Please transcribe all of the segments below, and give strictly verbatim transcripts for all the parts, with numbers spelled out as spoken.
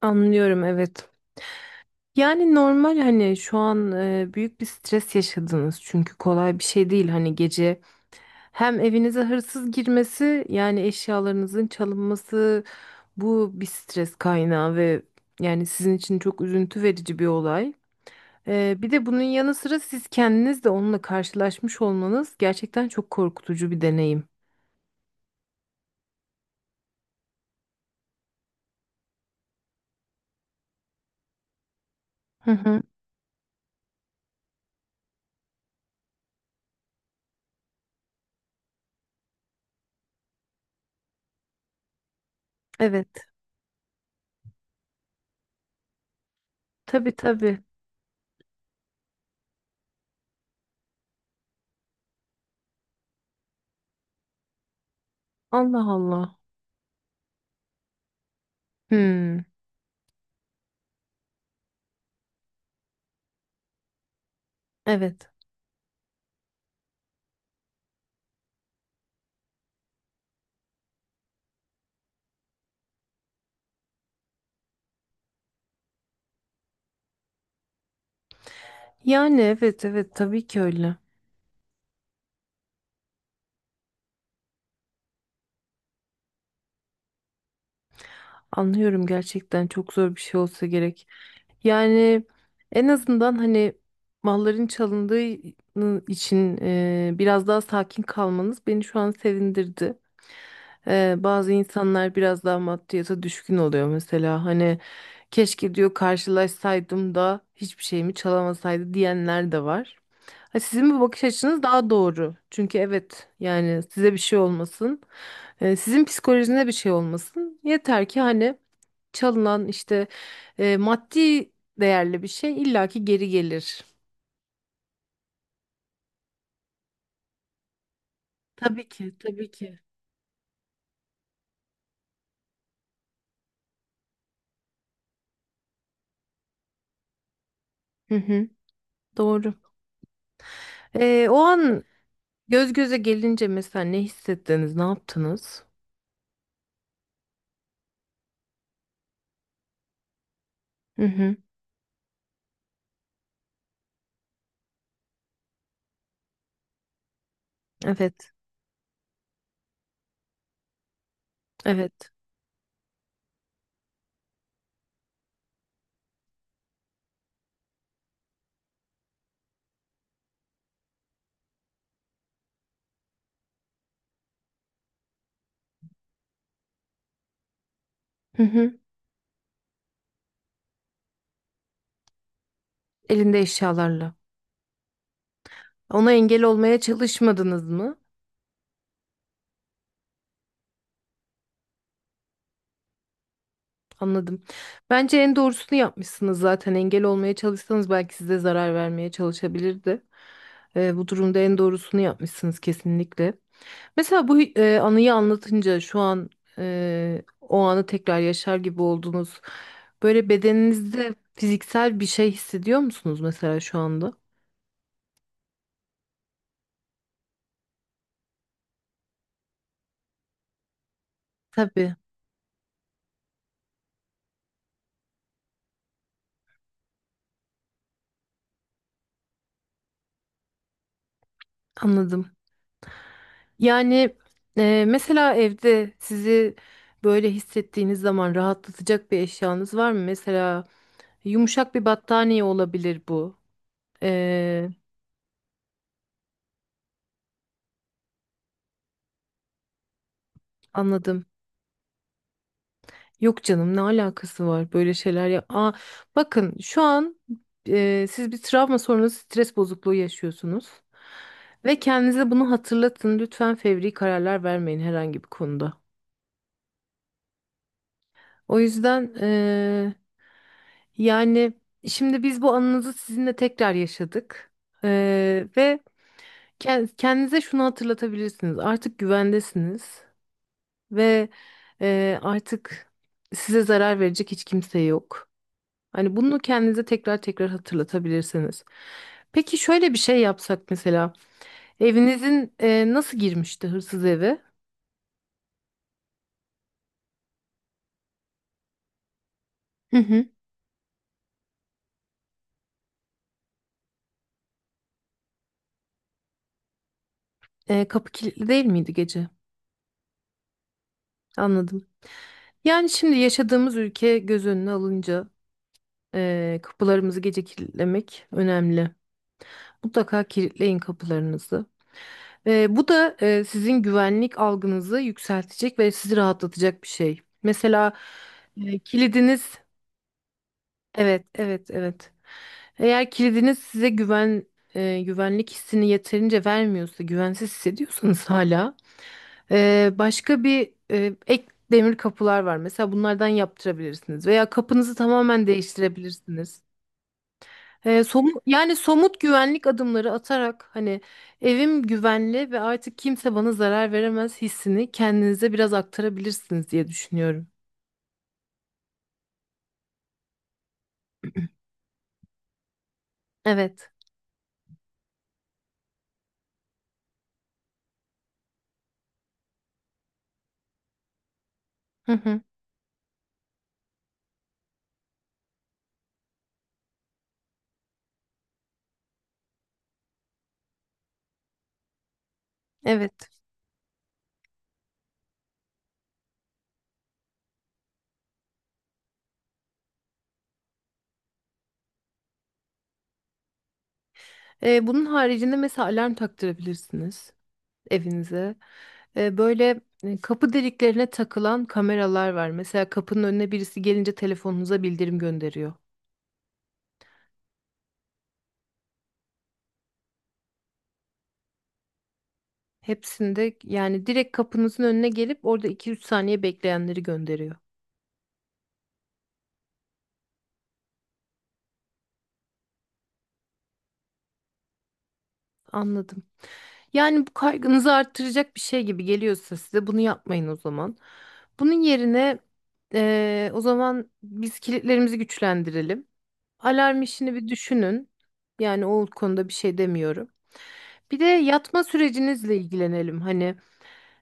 Anlıyorum evet. Yani normal hani şu an e, büyük bir stres yaşadınız çünkü kolay bir şey değil hani gece hem evinize hırsız girmesi yani eşyalarınızın çalınması bu bir stres kaynağı ve yani sizin için çok üzüntü verici bir olay. E, bir de bunun yanı sıra siz kendiniz de onunla karşılaşmış olmanız gerçekten çok korkutucu bir deneyim. Hı hı. Evet. Tabii tabii. Allah Allah. Hmm. Evet. Yani evet evet tabii ki öyle. Anlıyorum, gerçekten çok zor bir şey olsa gerek. Yani en azından hani malların çalındığı için e, biraz daha sakin kalmanız beni şu an sevindirdi. E, bazı insanlar biraz daha maddiyata düşkün oluyor mesela. Hani keşke diyor karşılaşsaydım da hiçbir şeyimi çalamasaydı diyenler de var. Ha, sizin bu bakış açınız daha doğru. Çünkü evet yani size bir şey olmasın. E, sizin psikolojinize bir şey olmasın. Yeter ki hani çalınan işte e, maddi değerli bir şey illaki geri gelir. Tabii ki, tabii ki. Hı hı, doğru. E, o an göz göze gelince mesela ne hissettiniz, ne yaptınız? Hı hı, evet, evet. Hı hı, elinde eşyalarla. Ona engel olmaya çalışmadınız mı? Anladım. Bence en doğrusunu yapmışsınız zaten. Engel olmaya çalışsanız belki size zarar vermeye çalışabilirdi. E, bu durumda en doğrusunu yapmışsınız kesinlikle. Mesela bu e, anıyı anlatınca şu an e, o anı tekrar yaşar gibi oldunuz. Böyle bedeninizde fiziksel bir şey hissediyor musunuz mesela şu anda? Tabii, anladım. Yani e, mesela evde sizi böyle hissettiğiniz zaman rahatlatacak bir eşyanız var mı? Mesela yumuşak bir battaniye olabilir bu. E, Anladım. Yok canım ne alakası var böyle şeyler ya. Aa, bakın şu an e, siz bir travma sonrası stres bozukluğu yaşıyorsunuz. Ve kendinize bunu hatırlatın. Lütfen fevri kararlar vermeyin herhangi bir konuda. O yüzden e, yani şimdi biz bu anınızı sizinle tekrar yaşadık. E, ve ke- kendinize şunu hatırlatabilirsiniz. Artık güvendesiniz ve e, artık size zarar verecek hiç kimse yok. Hani bunu kendinize tekrar tekrar hatırlatabilirsiniz. Peki şöyle bir şey yapsak mesela. Evinizin e, nasıl girmişti hırsız eve? Hı hı. E, kapı kilitli değil miydi gece? Anladım. Yani şimdi yaşadığımız ülke göz önüne alınca e, kapılarımızı gece kilitlemek önemli. Mutlaka kilitleyin kapılarınızı. E, bu da e, sizin güvenlik algınızı yükseltecek ve sizi rahatlatacak bir şey. Mesela e, kilidiniz evet, evet, evet. Eğer kilidiniz size güven e, güvenlik hissini yeterince vermiyorsa, güvensiz hissediyorsanız hala e, başka bir e, ek demir kapılar var. Mesela bunlardan yaptırabilirsiniz veya kapınızı tamamen değiştirebilirsiniz. E, somu- yani somut güvenlik adımları atarak hani evim güvenli ve artık kimse bana zarar veremez hissini kendinize biraz aktarabilirsiniz diye düşünüyorum. Evet. Hı hı. Evet. Ee, bunun haricinde mesela alarm taktırabilirsiniz evinize. Ee, böyle e, kapı deliklerine takılan kameralar var. Mesela kapının önüne birisi gelince telefonunuza bildirim gönderiyor. Hepsinde yani direkt kapınızın önüne gelip orada iki üç saniye bekleyenleri gönderiyor. Anladım. Yani bu kaygınızı arttıracak bir şey gibi geliyorsa size bunu yapmayın o zaman. Bunun yerine e, o zaman biz kilitlerimizi güçlendirelim. Alarm işini bir düşünün. Yani o konuda bir şey demiyorum. Bir de yatma sürecinizle ilgilenelim. Hani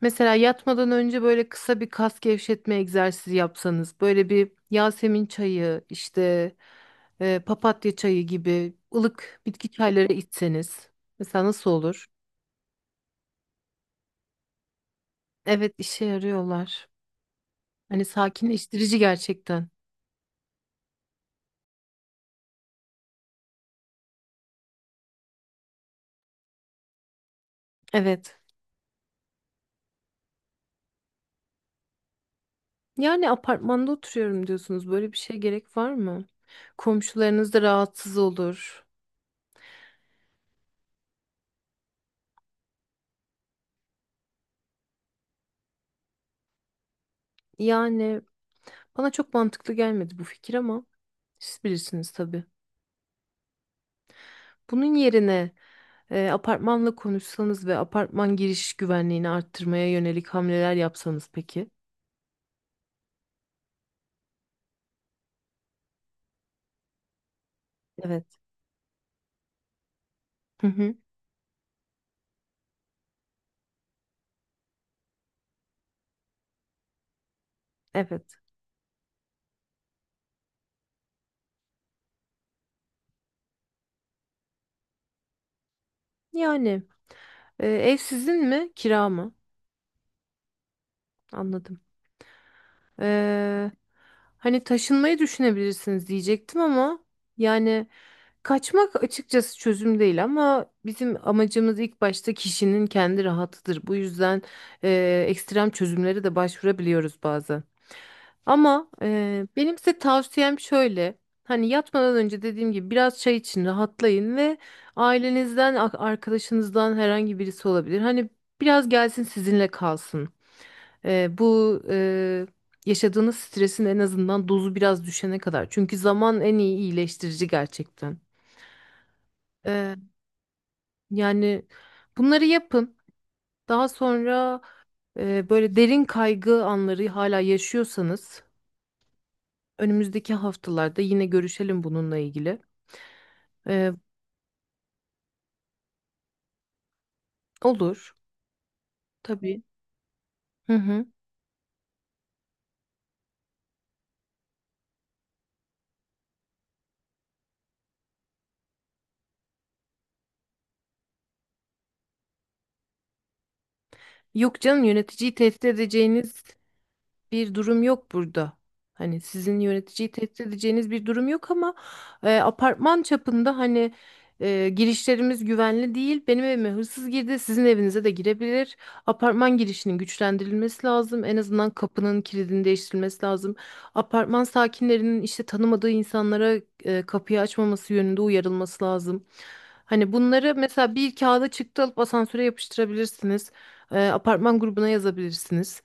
mesela yatmadan önce böyle kısa bir kas gevşetme egzersizi yapsanız, böyle bir Yasemin çayı, işte e, papatya çayı gibi ılık bitki çayları içseniz. Mesela nasıl olur? Evet, işe yarıyorlar. Hani sakinleştirici gerçekten. Evet. Yani apartmanda oturuyorum diyorsunuz. Böyle bir şeye gerek var mı? Komşularınız da rahatsız olur. Yani bana çok mantıklı gelmedi bu fikir ama siz bilirsiniz tabii. Bunun yerine e, apartmanla konuşsanız ve apartman giriş güvenliğini arttırmaya yönelik hamleler yapsanız peki? Evet. Hı hı, evet. Yani e, ev sizin mi, kira mı? Anladım. Ee, Hani taşınmayı düşünebilirsiniz diyecektim ama yani kaçmak açıkçası çözüm değil ama bizim amacımız ilk başta kişinin kendi rahatıdır. Bu yüzden e, ekstrem çözümlere de başvurabiliyoruz bazen. Ama e, benim size tavsiyem şöyle. Hani yatmadan önce dediğim gibi biraz çay için rahatlayın ve ailenizden, a- arkadaşınızdan herhangi birisi olabilir. Hani biraz gelsin sizinle kalsın. Eee, bu eee, yaşadığınız stresin en azından dozu biraz düşene kadar. Çünkü zaman en iyi iyileştirici gerçekten. Eee, Yani bunları yapın. Daha sonra eee, böyle derin kaygı anları hala yaşıyorsanız önümüzdeki haftalarda yine görüşelim bununla ilgili. Eee, olur tabii. Hı hı. Yok canım, yöneticiyi tehdit edeceğiniz bir durum yok burada. Hani sizin yöneticiyi tehdit edeceğiniz bir durum yok ama e, apartman çapında hani e, girişlerimiz güvenli değil. Benim evime hırsız girdi, sizin evinize de girebilir. Apartman girişinin güçlendirilmesi lazım. En azından kapının kilidini değiştirilmesi lazım. Apartman sakinlerinin işte tanımadığı insanlara e, kapıyı açmaması yönünde uyarılması lazım. Hani bunları mesela bir kağıda çıktı alıp asansöre yapıştırabilirsiniz. E, apartman grubuna yazabilirsiniz.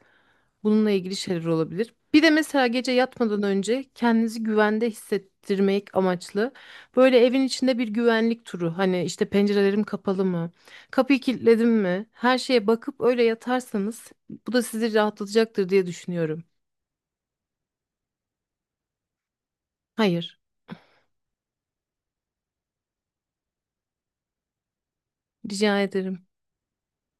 Bununla ilgili şeyler olabilir. Bir de mesela gece yatmadan önce kendinizi güvende hissettirmek amaçlı böyle evin içinde bir güvenlik turu. Hani işte pencerelerim kapalı mı? Kapıyı kilitledim mi? Her şeye bakıp öyle yatarsanız bu da sizi rahatlatacaktır diye düşünüyorum. Hayır, rica ederim.